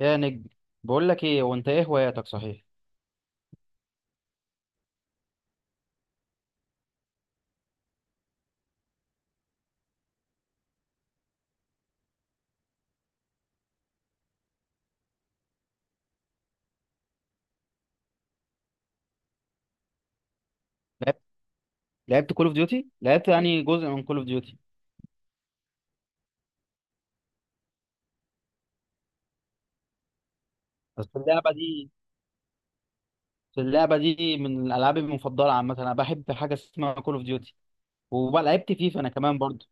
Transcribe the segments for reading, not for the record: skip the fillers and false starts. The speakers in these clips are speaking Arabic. يا نجم، بقول لك ايه؟ وانت ايه هواياتك؟ صحيح لعبت لعبت كول اوف ديوتي، لعبت يعني جزء من كول اوف ديوتي. بس اللعبه دي بس اللعبه دي من الالعاب المفضله. عامه انا بحب حاجه اسمها كول اوف ديوتي، ولعبت فيفا انا كمان برضه.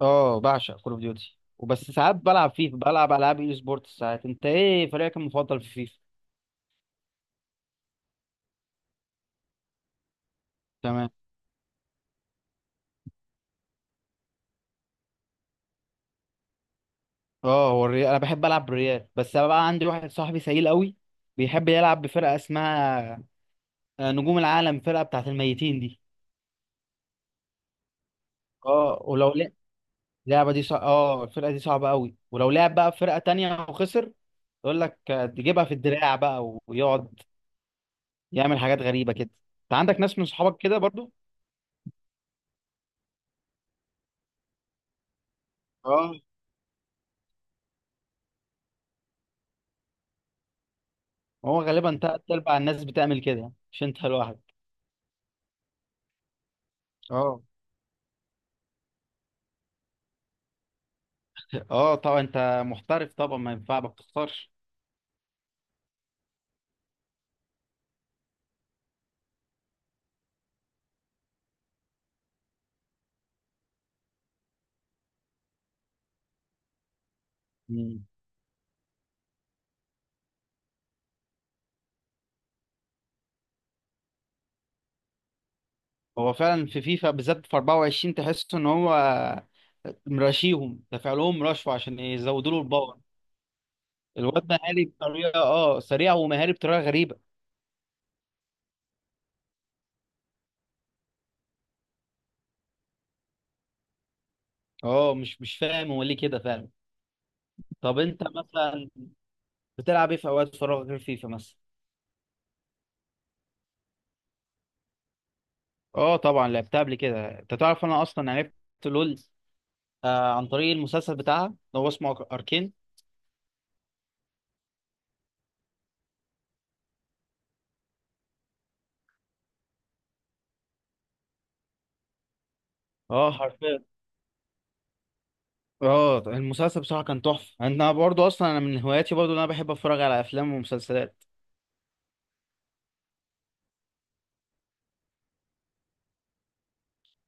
اه بعشق كول اوف ديوتي، وبس ساعات بلعب فيفا، بلعب العاب اي سبورتس ساعات. انت ايه فريقك المفضل في فيفا؟ تمام. اه هو الريال، انا بحب العب بالريال. بس أنا بقى عندي واحد صاحبي سيل قوي، بيحب يلعب بفرقه اسمها نجوم العالم، فرقه بتاعت الميتين دي. اه ولو اللعبه دي صع... اه الفرقه دي صعبه قوي، ولو لعب بقى في فرقه تانية وخسر يقول لك تجيبها في الدراع بقى، ويقعد يعمل حاجات غريبه كده. انت عندك ناس من صحابك كده برضو؟ اه هو غالبا تلات ارباع الناس بتعمل كده يعني، مش انت لوحدك. اه اه طبعا، انت محترف طبعا، ما ينفع ما بتختارش. مم. هو فعلا في فيفا بالذات في 24 تحس ان هو مراشيهم دافع لهم رشوه عشان يزودوا له الباور. الواد مهاري بطريقه، اه سريع ومهاري بطريقه غريبه. اه مش فاهم هو ليه كده فعلا. طب انت مثلا بتلعب ايه في اوقات فراغك غير فيفا مثلا؟ اه طبعا لعبتها قبل كده. انت تعرف انا اصلا عرفت لول آه عن طريق المسلسل بتاعها، اللي هو اسمه اركين. اه حرفيا. اه المسلسل بصراحه كان تحفه. انا برضو اصلا انا من هواياتي برضو ان انا بحب اتفرج على افلام ومسلسلات.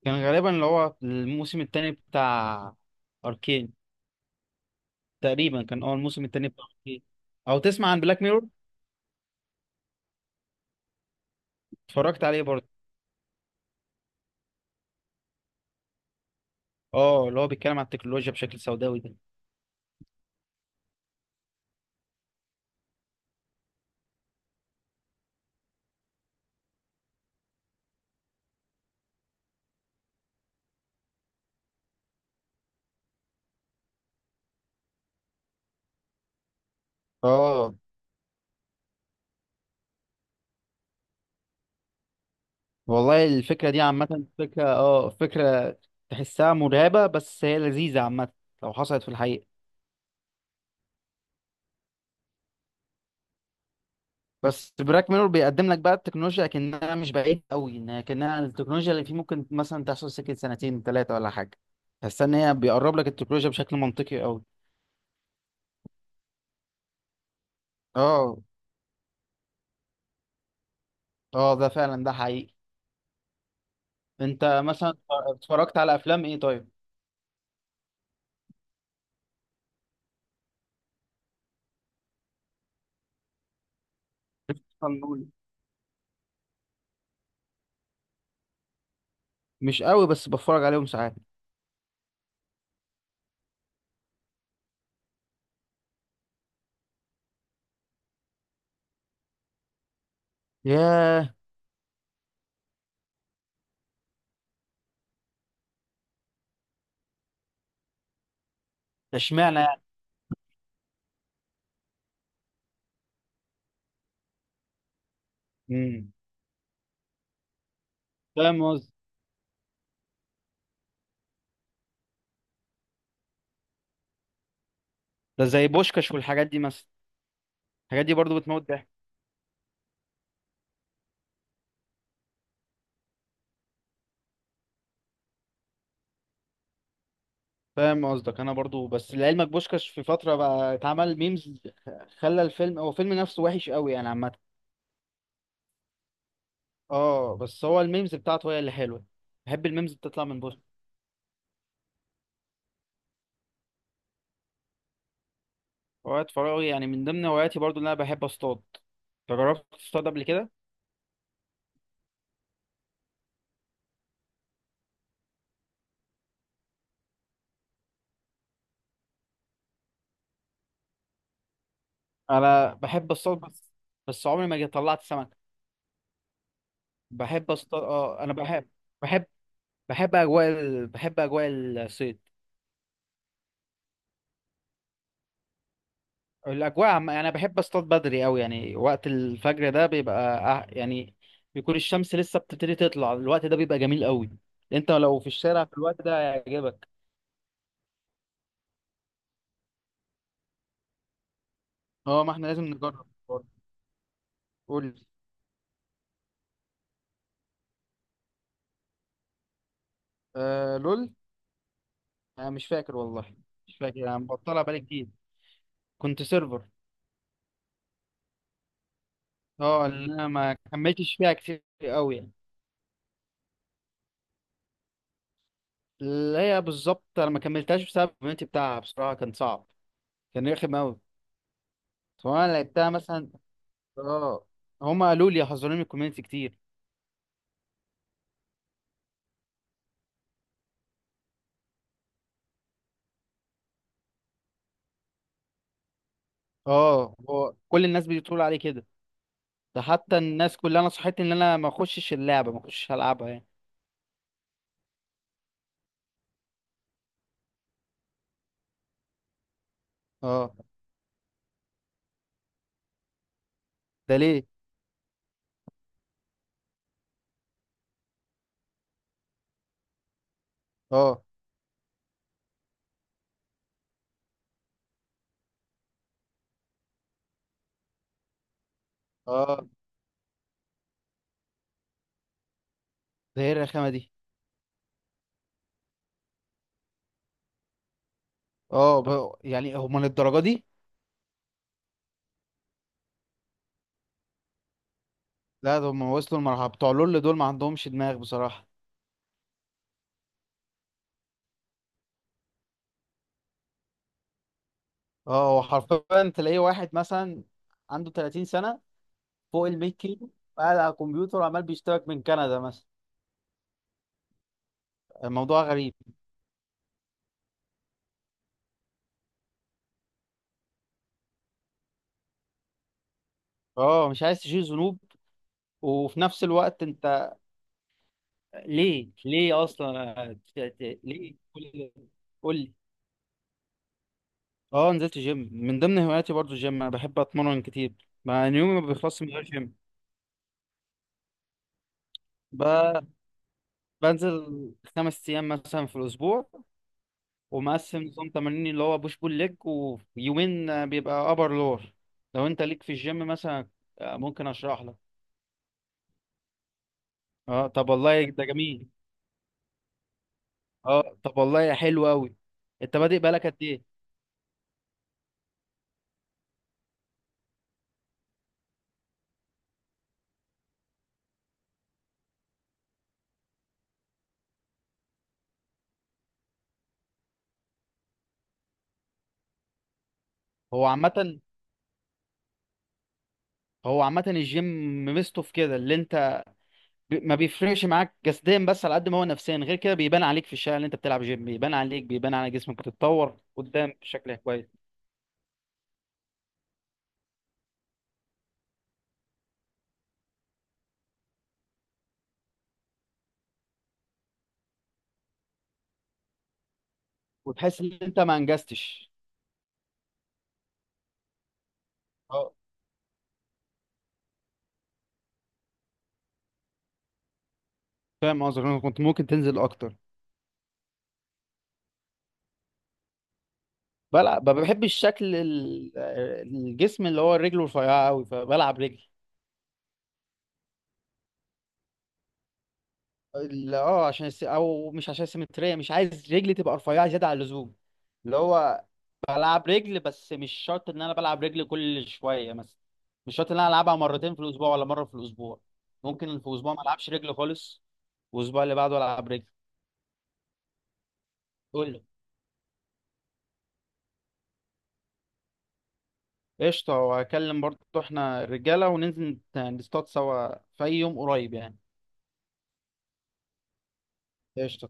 كان غالبا اللي هو الموسم الثاني بتاع اركين، تقريبا كان اه الموسم الثاني بتاع اركين. او تسمع عن بلاك ميرور؟ اتفرجت عليه برضو. اه اللي هو بيتكلم عن التكنولوجيا بشكل سوداوي ده. اه والله الفكرة دي عامة فكرة، اه فكرة تحسها مرعبة بس هي لذيذة عامة لو حصلت في الحقيقة. بس براك ميرور بيقدم لك بقى التكنولوجيا كأنها مش بعيد قوي، انها كأنها التكنولوجيا اللي فيه ممكن مثلا تحصل سكة سنتين ثلاثة ولا حاجة. تحس ان هي بيقرب لك التكنولوجيا بشكل منطقي قوي. اه اه ده فعلا، ده حقيقي. انت مثلا اتفرجت على افلام ايه طيب؟ فنون. مش قوي بس بتفرج عليهم ساعات. ياه. ده اشمعنى يعني؟ مم. فاهم. ده زي بوشكاش والحاجات دي مثلا؟ الحاجات دي برضو بتموت ضحك. فاهم قصدك، انا برضو. بس لعلمك بوشكاش في فتره بقى اتعمل ميمز، خلى الفيلم، هو الفيلم نفسه وحش قوي انا عامه. اه بس هو الميمز بتاعته هي اللي حلوه، بحب الميمز بتطلع من بوشكاش. هوايات فراغي، يعني من ضمن هواياتي برضو ان انا بحب اصطاد. جربت تصطاد قبل كده؟ انا بحب اصطاد بس، بس عمري ما جيت طلعت سمك. بحب اصطاد، اه انا بحب، بحب، بحب اجواء الصيد. يعني انا بحب اصطاد بدري قوي، يعني وقت الفجر ده بيبقى يعني بيكون الشمس لسه بتبتدي تطلع. الوقت ده بيبقى جميل قوي، انت لو في الشارع في الوقت ده هيعجبك. اه ما احنا لازم نجرب. قول لي. آه لول. انا مش فاكر والله، مش فاكر، انا مبطلها بقالي كتير. كنت سيرفر. اه اللي انا ما كملتش فيها كتير قوي يعني. اللي هي بالظبط انا ما كملتهاش بسبب الكوميونتي بتاعها، بصراحه كان صعب، كان رخم قوي. فانا لعبتها مثلا، اه هما قالوا لي، حذروني من الكوميونتي كتير. اه هو كل الناس بتقول عليه كده، ده حتى الناس كلها نصحتني ان انا ما اخشش اللعبه، ما اخشش العبها يعني. اه ده ليه؟ اه اه ده ايه الرخامه دي؟ اه ب... يعني هم للدرجه دي؟ لا ده هم وصلوا المرحله، بتوع لول دول ما عندهمش دماغ بصراحه. اه هو حرفيا تلاقيه واحد مثلا عنده 30 سنة سنه، فوق ال 100 كيلو، قاعد على الكمبيوتر عمال بيشترك من كندا مثلا. الموضوع غريب. اه مش عايز تشيل ذنوب، وفي نفس الوقت ليه؟ ليه اصلا ليه كل قول لي. اه نزلت جيم، من ضمن هواياتي برضو الجيم، انا بحب اتمرن كتير، مع ان يومي ما بيخلصش من غير جيم. ب... بنزل خمس ايام مثلا في الاسبوع، ومقسم نظام تمارين اللي هو بوش بول ليج، ويومين بيبقى ابر لور. لو انت ليك في الجيم مثلا، ممكن اشرح لك. اه طب والله ده جميل، اه طب والله حلو قوي. انت بادئ بقالك قد ايه؟ هو عامه هو عامه الجيم ميزته في كده، اللي انت ما بيفرقش معاك جسديا، بس على قد ما هو نفسيا غير كده. بيبان عليك في الشارع اللي انت بتلعب جيم، بيبان عليك، بيبان على جسمك، بتتطور قدام بشكل كويس. وتحس ان انت ما انجزتش. اه فاهم قصدك، انا كنت ممكن تنزل اكتر. بلعب، ما بحبش شكل الجسم اللي هو رجله رفيعه قوي، فبلعب رجل. ال- اه عشان الس... او مش عشان السيمتريه، مش عايز رجلي تبقى رفيعه زياده عن اللزوم. اللي هو بلعب رجل، بس مش شرط ان انا بلعب رجل كل شويه مثلا، مش شرط ان انا العبها مرتين في الاسبوع ولا مره في الاسبوع، ممكن في اسبوع ما العبش رجل خالص، والاسبوع اللي بعده العب رجل. قول لي. قشطه، وهكلم برضه احنا الرجاله وننزل نصطاد سوا في اي يوم قريب يعني. قشطه.